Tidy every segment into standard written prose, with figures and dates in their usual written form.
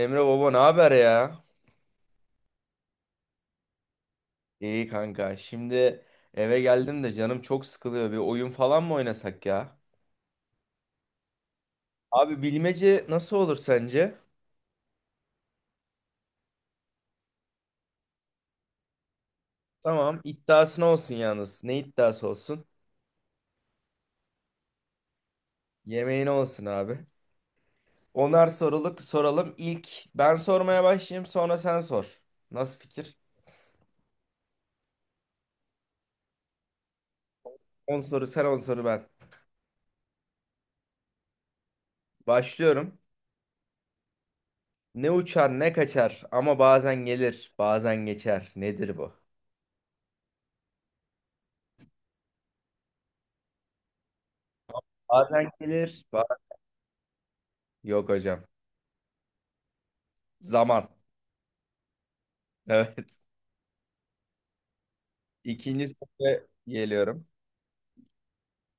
Emre baba ne haber ya? İyi kanka. Şimdi eve geldim de canım çok sıkılıyor. Bir oyun falan mı oynasak ya? Abi bilmece nasıl olur sence? Tamam, iddiasına olsun yalnız. Ne iddiası olsun? Yemeğine olsun abi. Onar soruluk soralım. İlk ben sormaya başlayayım, sonra sen sor. Nasıl fikir? On soru sen, 10 soru ben. Başlıyorum. Ne uçar ne kaçar ama bazen gelir, bazen geçer. Nedir bu? Bazen gelir. Yok hocam. Zaman. Evet. İkinci soruya geliyorum.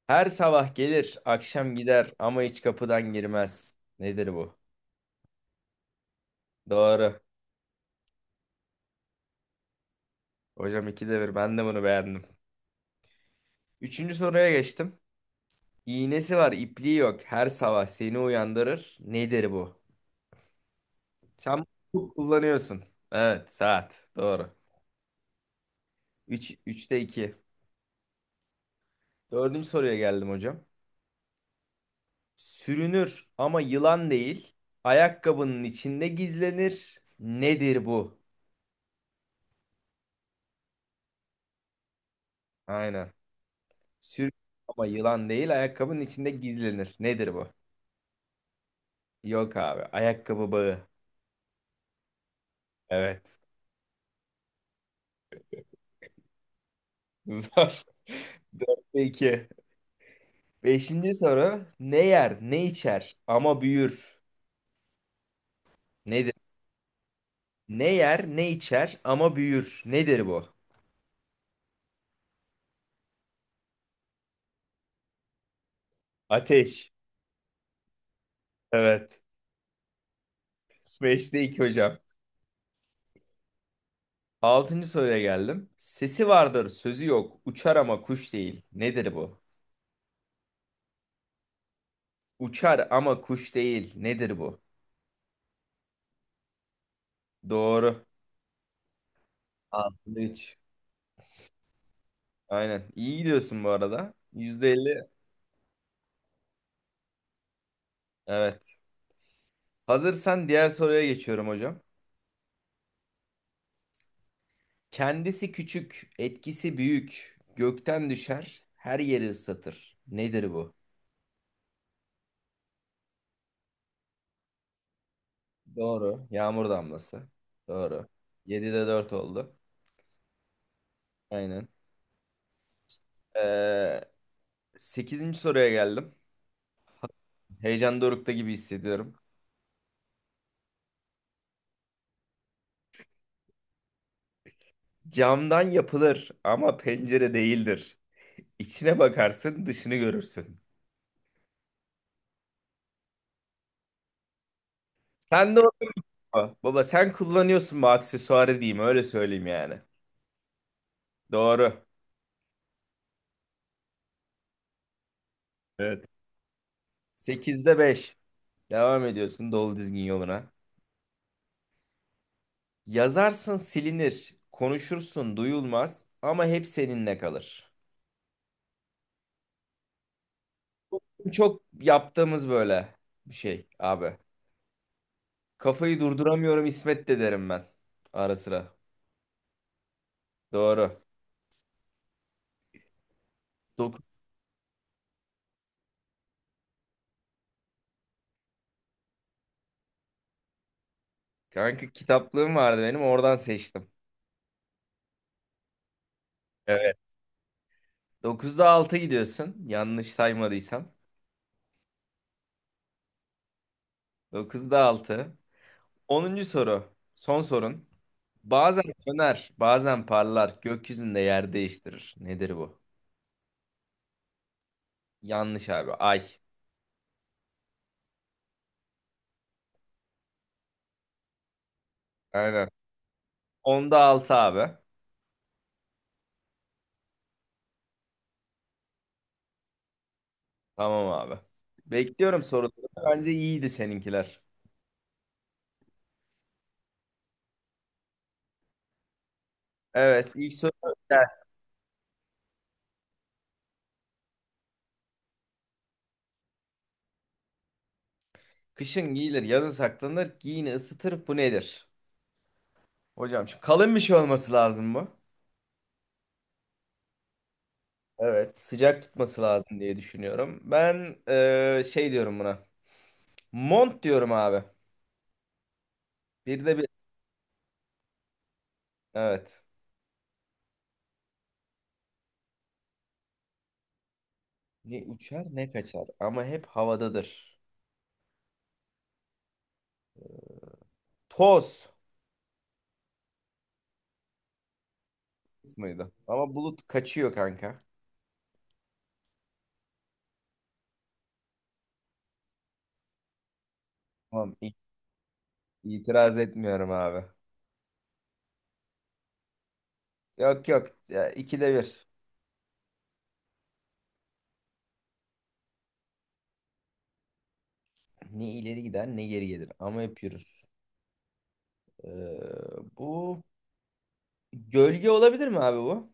Her sabah gelir, akşam gider ama hiç kapıdan girmez. Nedir bu? Doğru. Hocam ikide bir. Ben de bunu beğendim. Üçüncü soruya geçtim. İğnesi var, ipliği yok. Her sabah seni uyandırır. Nedir bu? Sen bunu kullanıyorsun. Evet, saat. Doğru. Üç, üçte iki. Dördüncü soruya geldim hocam. Sürünür ama yılan değil. Ayakkabının içinde gizlenir. Nedir bu? Aynen. Sür ama yılan değil ayakkabının içinde gizlenir. Nedir bu? Yok abi. Ayakkabı bağı. Evet. Zor. 4'te 2. Beşinci soru. Ne yer ne içer ama büyür. Nedir? Ne yer ne içer ama büyür. Nedir bu? Ateş. Evet. Beşte 2 hocam. Altıncı soruya geldim. Sesi vardır, sözü yok. Uçar ama kuş değil. Nedir bu? Uçar ama kuş değil. Nedir bu? Doğru. Altı üç. Aynen. İyi gidiyorsun bu arada. %50. Evet. Hazırsan diğer soruya geçiyorum hocam. Kendisi küçük, etkisi büyük. Gökten düşer, her yeri ıslatır. Nedir bu? Doğru. Yağmur damlası. Doğru. 7'de 4 oldu. Aynen. Ee, 8. soruya geldim. Heyecan dorukta gibi hissediyorum. Camdan yapılır ama pencere değildir. İçine bakarsın, dışını görürsün. Sen de Baba, Baba, sen kullanıyorsun bu aksesuarı, diyeyim öyle söyleyeyim yani. Doğru. Evet. Sekizde beş. Devam ediyorsun dolu dizgin yoluna. Yazarsın silinir, konuşursun duyulmaz ama hep seninle kalır. Çok yaptığımız böyle bir şey abi. Kafayı durduramıyorum İsmet de derim ben ara sıra. Doğru. Dok Kanka, kitaplığım vardı benim, oradan seçtim. Evet. Dokuzda 6 gidiyorsun, yanlış saymadıysam. Dokuzda 6. 10. soru. Son sorun. Bazen söner, bazen parlar. Gökyüzünde yer değiştirir. Nedir bu? Yanlış abi. Ay. Aynen. Onda altı abi. Tamam abi. Bekliyorum soruları. Bence iyiydi seninkiler. Evet. ilk soru. Gelsin. Kışın giyilir, yazın saklanır. Giyini ısıtır. Bu nedir? Hocam şimdi kalın bir şey olması lazım bu. Evet. Sıcak tutması lazım diye düşünüyorum. Ben şey diyorum buna. Mont diyorum abi. Bir de bir. Evet. Ne uçar ne kaçar ama hep havadadır. Toz muydu? Ama bulut kaçıyor kanka. Tamam itiraz etmiyorum abi. Yok yok ya, ikide bir. Ne ileri gider ne geri gelir ama hep yürür. Ee, bu gölge olabilir mi abi bu?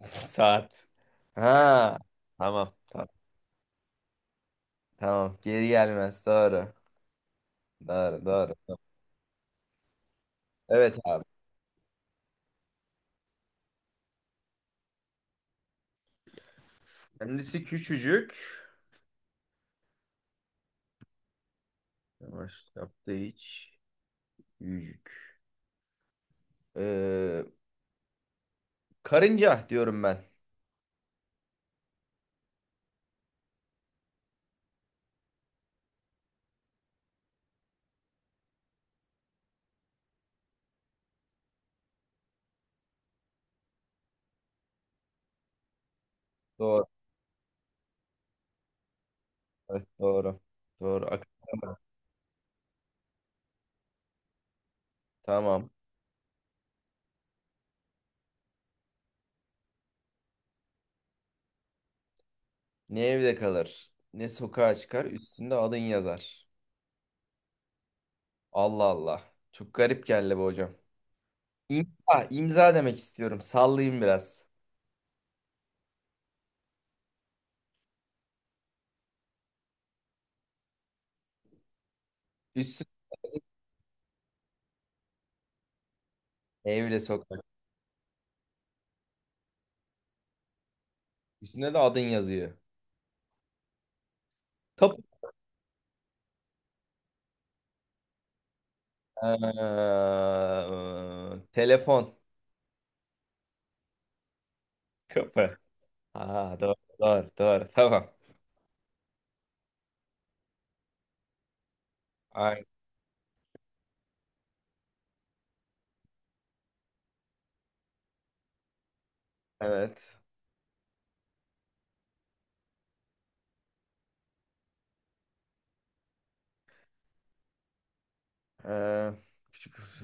Saat. Ha, tamam, tamam. Tamam, geri gelmez, doğru. Doğru doğru. Evet abi. Kendisi küçücük. Yavaş yaptığı hiç. Büyücük. Karınca diyorum ben. Doğru. Evet, doğru. Doğru. Akıllı. Tamam. Ne evde kalır, ne sokağa çıkar, üstünde adın yazar. Allah Allah. Çok garip geldi bu hocam. İmza, imza demek istiyorum. Sallayayım biraz. Üstünde evle sokak. Üstünde de adın yazıyor. Kapı. Telefon. Kapı. Ha, doğru, doğru, doğru. Tamam. Aynen. Evet. Eee, küçük-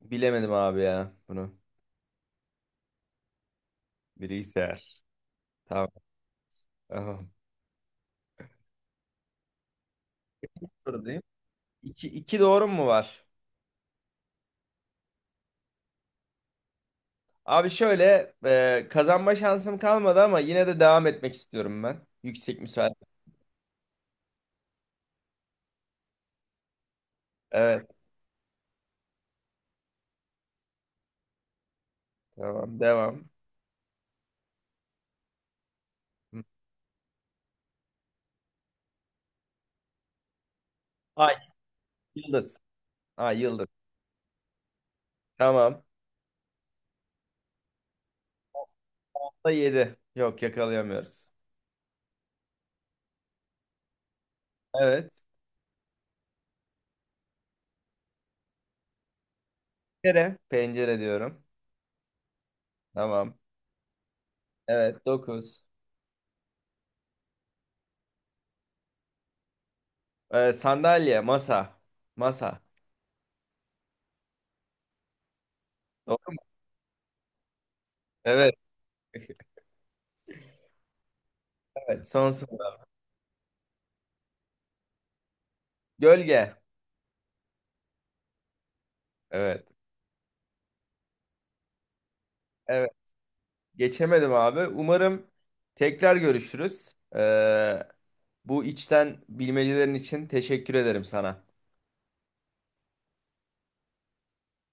bilemedim abi ya bunu. Bilgisayar. Tamam. Tamam. Sorudayım. İki, iki doğru mu var? Abi şöyle kazanma şansım kalmadı ama yine de devam etmek istiyorum ben. Yüksek müsaade. Evet, tamam, devam. Hı. Ay yıldız. Ay yıldız. Tamam. Onda yedi. Yok, yakalayamıyoruz. Evet. Pencere. Pencere diyorum. Tamam. Evet, dokuz. Sandalye. Masa. Masa. Doğru mu? Evet. Evet, son soru. Gölge. Evet. Evet. Geçemedim abi. Umarım tekrar görüşürüz. Bu içten bilmecelerin için teşekkür ederim sana.